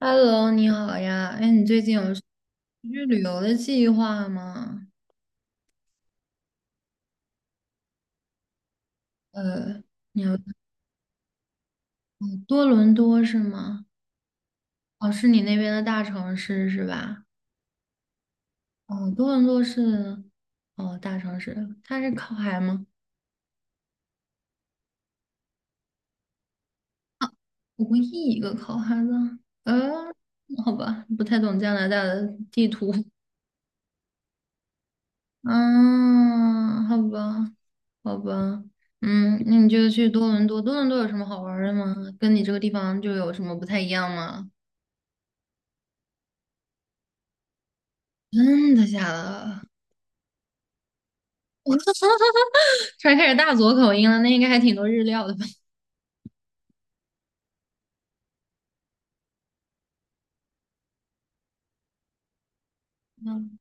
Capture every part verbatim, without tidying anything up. Hello，你好呀，哎，你最近有去旅游的计划吗？呃，你有多伦多是吗？哦，是你那边的大城市是吧？哦，多伦多是哦大城市，它是靠海吗？我唯一一个靠海的，嗯，好吧，不太懂加拿大的地图。嗯，好吧，好吧，嗯，那你就去多伦多。多伦多有什么好玩儿的吗？跟你这个地方就有什么不太一样吗？真的假的？我 突然开始大佐口音了，那应该还挺多日料的吧？嗯，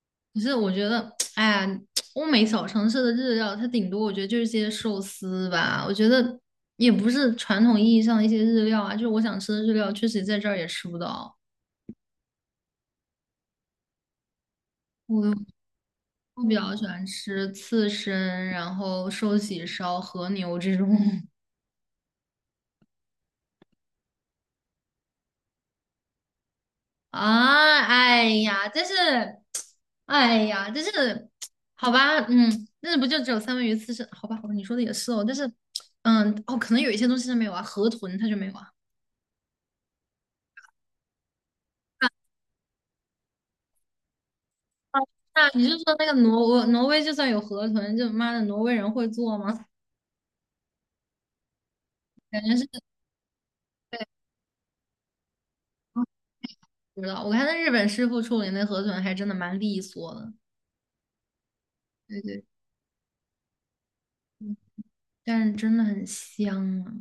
可是我觉得，哎呀，欧美小城市的日料，它顶多我觉得就是些寿司吧。我觉得也不是传统意义上的一些日料啊，就是我想吃的日料，确实在这儿也吃不到。我我比较喜欢吃刺身，然后寿喜烧、和牛这种。啊，哎呀，真是，哎呀，真是，好吧，嗯，那不就只有三文鱼刺身？好吧，好吧，你说的也是哦，但是，嗯，哦，可能有一些东西它没有啊，河豚它就没有啊。那你就说那个挪威，挪威就算有河豚，就妈的挪威人会做吗？感觉是，对，啊不知道。我看那日本师傅处理那河豚还真的蛮利索的，对对，对但是真的很香啊。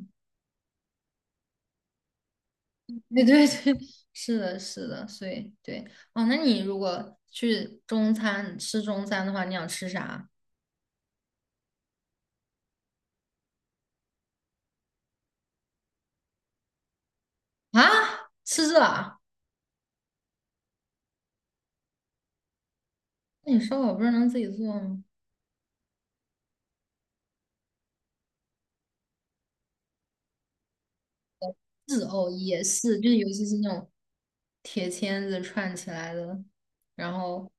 对对对，是的，是的，所以对，哦，那你如果去中餐吃中餐的话，你想吃啥啊？吃这啊？那你烧烤不是能自己做吗？是哦，也是，就是尤其是那种铁签子串起来的，然后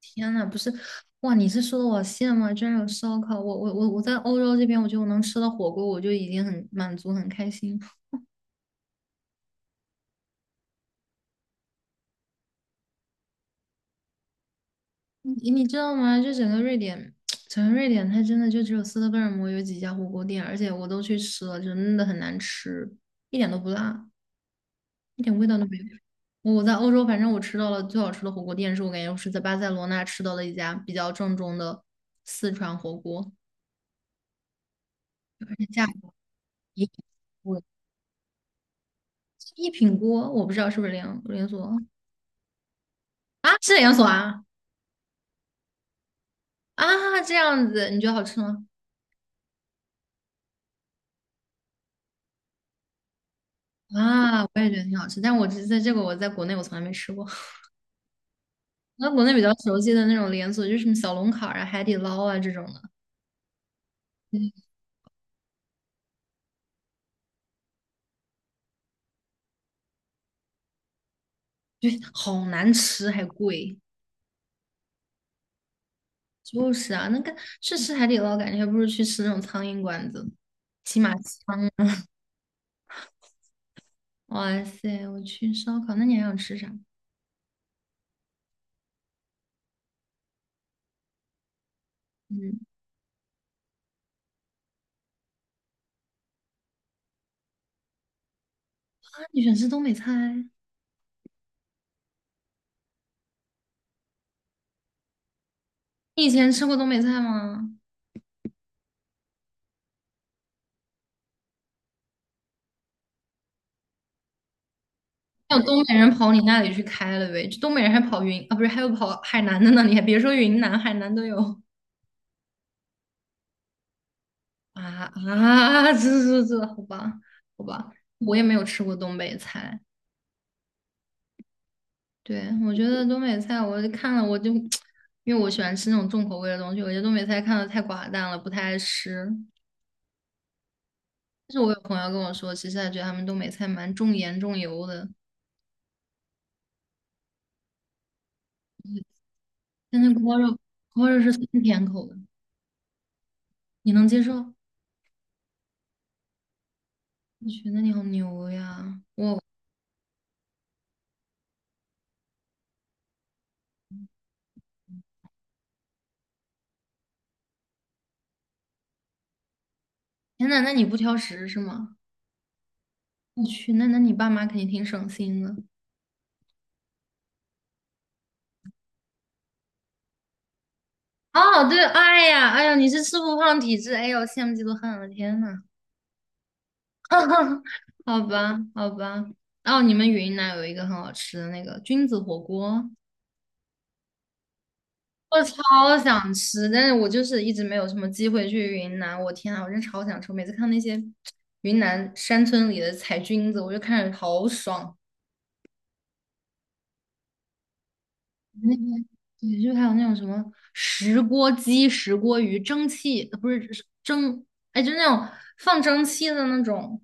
天呐，不是，哇，你是说的我羡慕啊，居然有烧烤，我我我我在欧洲这边，我觉得我能吃到火锅，我就已经很满足很开心。你你知道吗？就整个瑞典，整个瑞典，它真的就只有斯德哥尔摩有几家火锅店，而且我都去吃了，真的很难吃，一点都不辣，一点味道都没有。我在欧洲，反正我吃到了最好吃的火锅店，是我感觉我是在巴塞罗那吃到了一家比较正宗的四川火锅，而且价格也我一品锅，我不知道是不是连连锁啊？是连锁啊？啊，这样子你觉得好吃吗？啊，我也觉得挺好吃，但我这在这个我在国内我从来没吃过。那国内比较熟悉的那种连锁，就是什么小龙坎儿啊、海底捞啊这种的，嗯，对，好难吃还贵。就是啊，那个去吃海底捞，感觉还不如去吃那种苍蝇馆子，起码香。哇塞，我去烧烤，那你还想吃啥？嗯，啊，你喜欢吃东北菜？你以前吃过东北菜吗？还有东北人跑你那里去开了呗？这东北人还跑云啊，不是，还有跑海南的呢。你还别说云南，海南都有。啊啊，这这这，好吧，好吧，我也没有吃过东北菜。对，我觉得东北菜，我看了我就，因为我喜欢吃那种重口味的东西，我觉得东北菜看的太寡淡了，不太爱吃。但是我有朋友跟我说，其实他觉得他们东北菜蛮重盐重油的，但是锅包肉，锅包肉是酸甜口的，你能接受？我觉得你好牛呀！天呐，那你不挑食是吗？我去，那那你爸妈肯定挺省心的。哦，对，哎呀，哎呀，你是吃不胖体质，哎呦，羡慕嫉妒恨我的天呐，好吧，好吧。哦，你们云南有一个很好吃的那个菌子火锅，我超想吃，但是我就是一直没有什么机会去云南。我天啊，我真超想吃！我每次看那些云南山村里的采菌子，我就看着好爽。那对，就还有那种什么石锅鸡、石锅鱼、蒸汽，呃不是是蒸，哎，就那种放蒸汽的那种。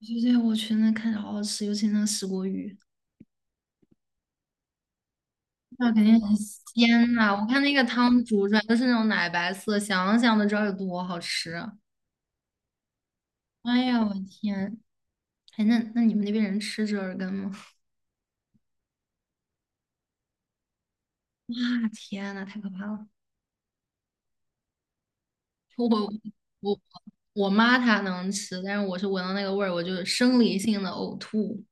觉得我去那看着好好吃，尤其那个石锅鱼，那肯定很鲜呐、我看那个汤煮出来都是那种奶白色，想想都知道有多好吃。哎呀，我的天！哎，那那你们那边人吃折耳根吗？哇，天呐，太可怕了！我我我妈她能吃，但是我是闻到那个味儿，我就生理性的呕吐，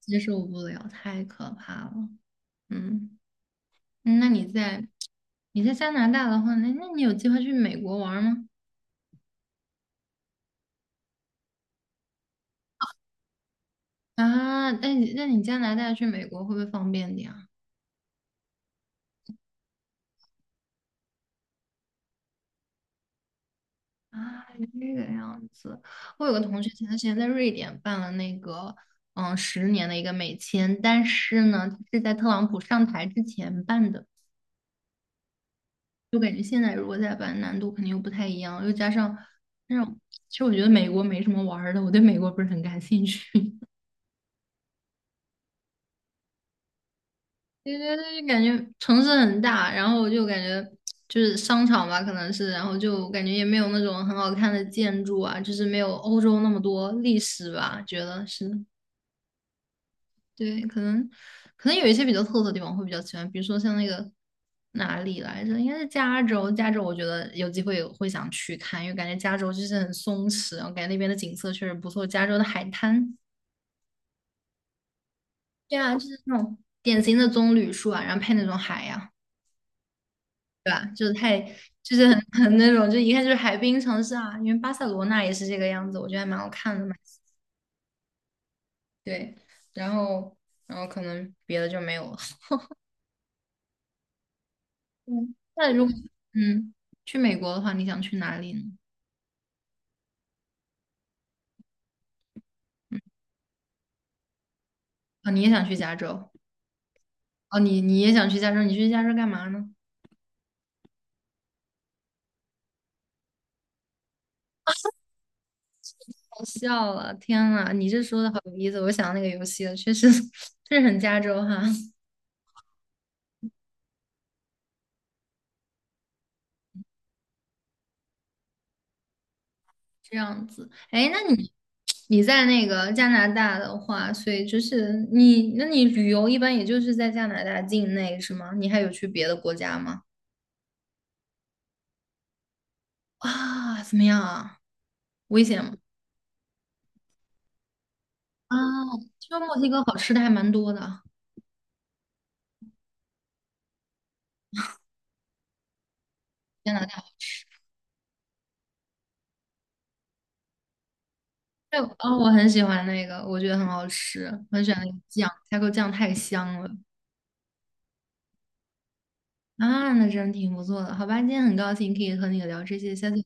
接受不了，太可怕了。嗯，嗯那你在你在加拿大的话，那那你有计划去美国玩儿吗？啊，那你那你加拿大去美国会不会方便点啊？啊，这个样子。我有个同学前段时间在瑞典办了那个嗯十年的一个美签，但是呢，他是在特朗普上台之前办的，就感觉现在如果再办，难度肯定又不太一样，又加上那种，其实我觉得美国没什么玩儿的，我对美国不是很感兴趣。对对对，就感觉城市很大，然后我就感觉就是商场吧，可能是，然后就感觉也没有那种很好看的建筑啊，就是没有欧洲那么多历史吧，觉得是，对，可能可能有一些比较特色的地方会比较喜欢，比如说像那个哪里来着，应该是加州，加州我觉得有机会会想去看，因为感觉加州就是很松弛，然后感觉那边的景色确实不错，加州的海滩，对啊，就是那种典型的棕榈树啊，然后配那种海呀、就是很 很那种，就一看就是海滨城市啊，因为巴塞罗那也是这个样子，我觉得还蛮好看的，嘛。对。然后，然后可能别的就没有了。嗯，那如果嗯去美国的话，你想去哪里呢？啊、你也想去加州？哦，你你也想去加州？你去加州干嘛呢？好笑了，天呐，你这说的好有意思，我想到那个游戏了，确实 确实很加州哈。这样子，哎，那你你在那个加拿大的话，所以就是你，那你旅游一般也就是在加拿大境内是吗？你还有去别的国家吗？啊，怎么样啊？危险吗？啊，听说墨西哥好吃的还蛮多的啊，加拿大好吃。对，哦，我很喜欢那个，我觉得很好吃，我很喜欢那个酱 t a 酱太香了啊，那真挺不错的。好吧，今天很高兴可以和你聊这些，下次。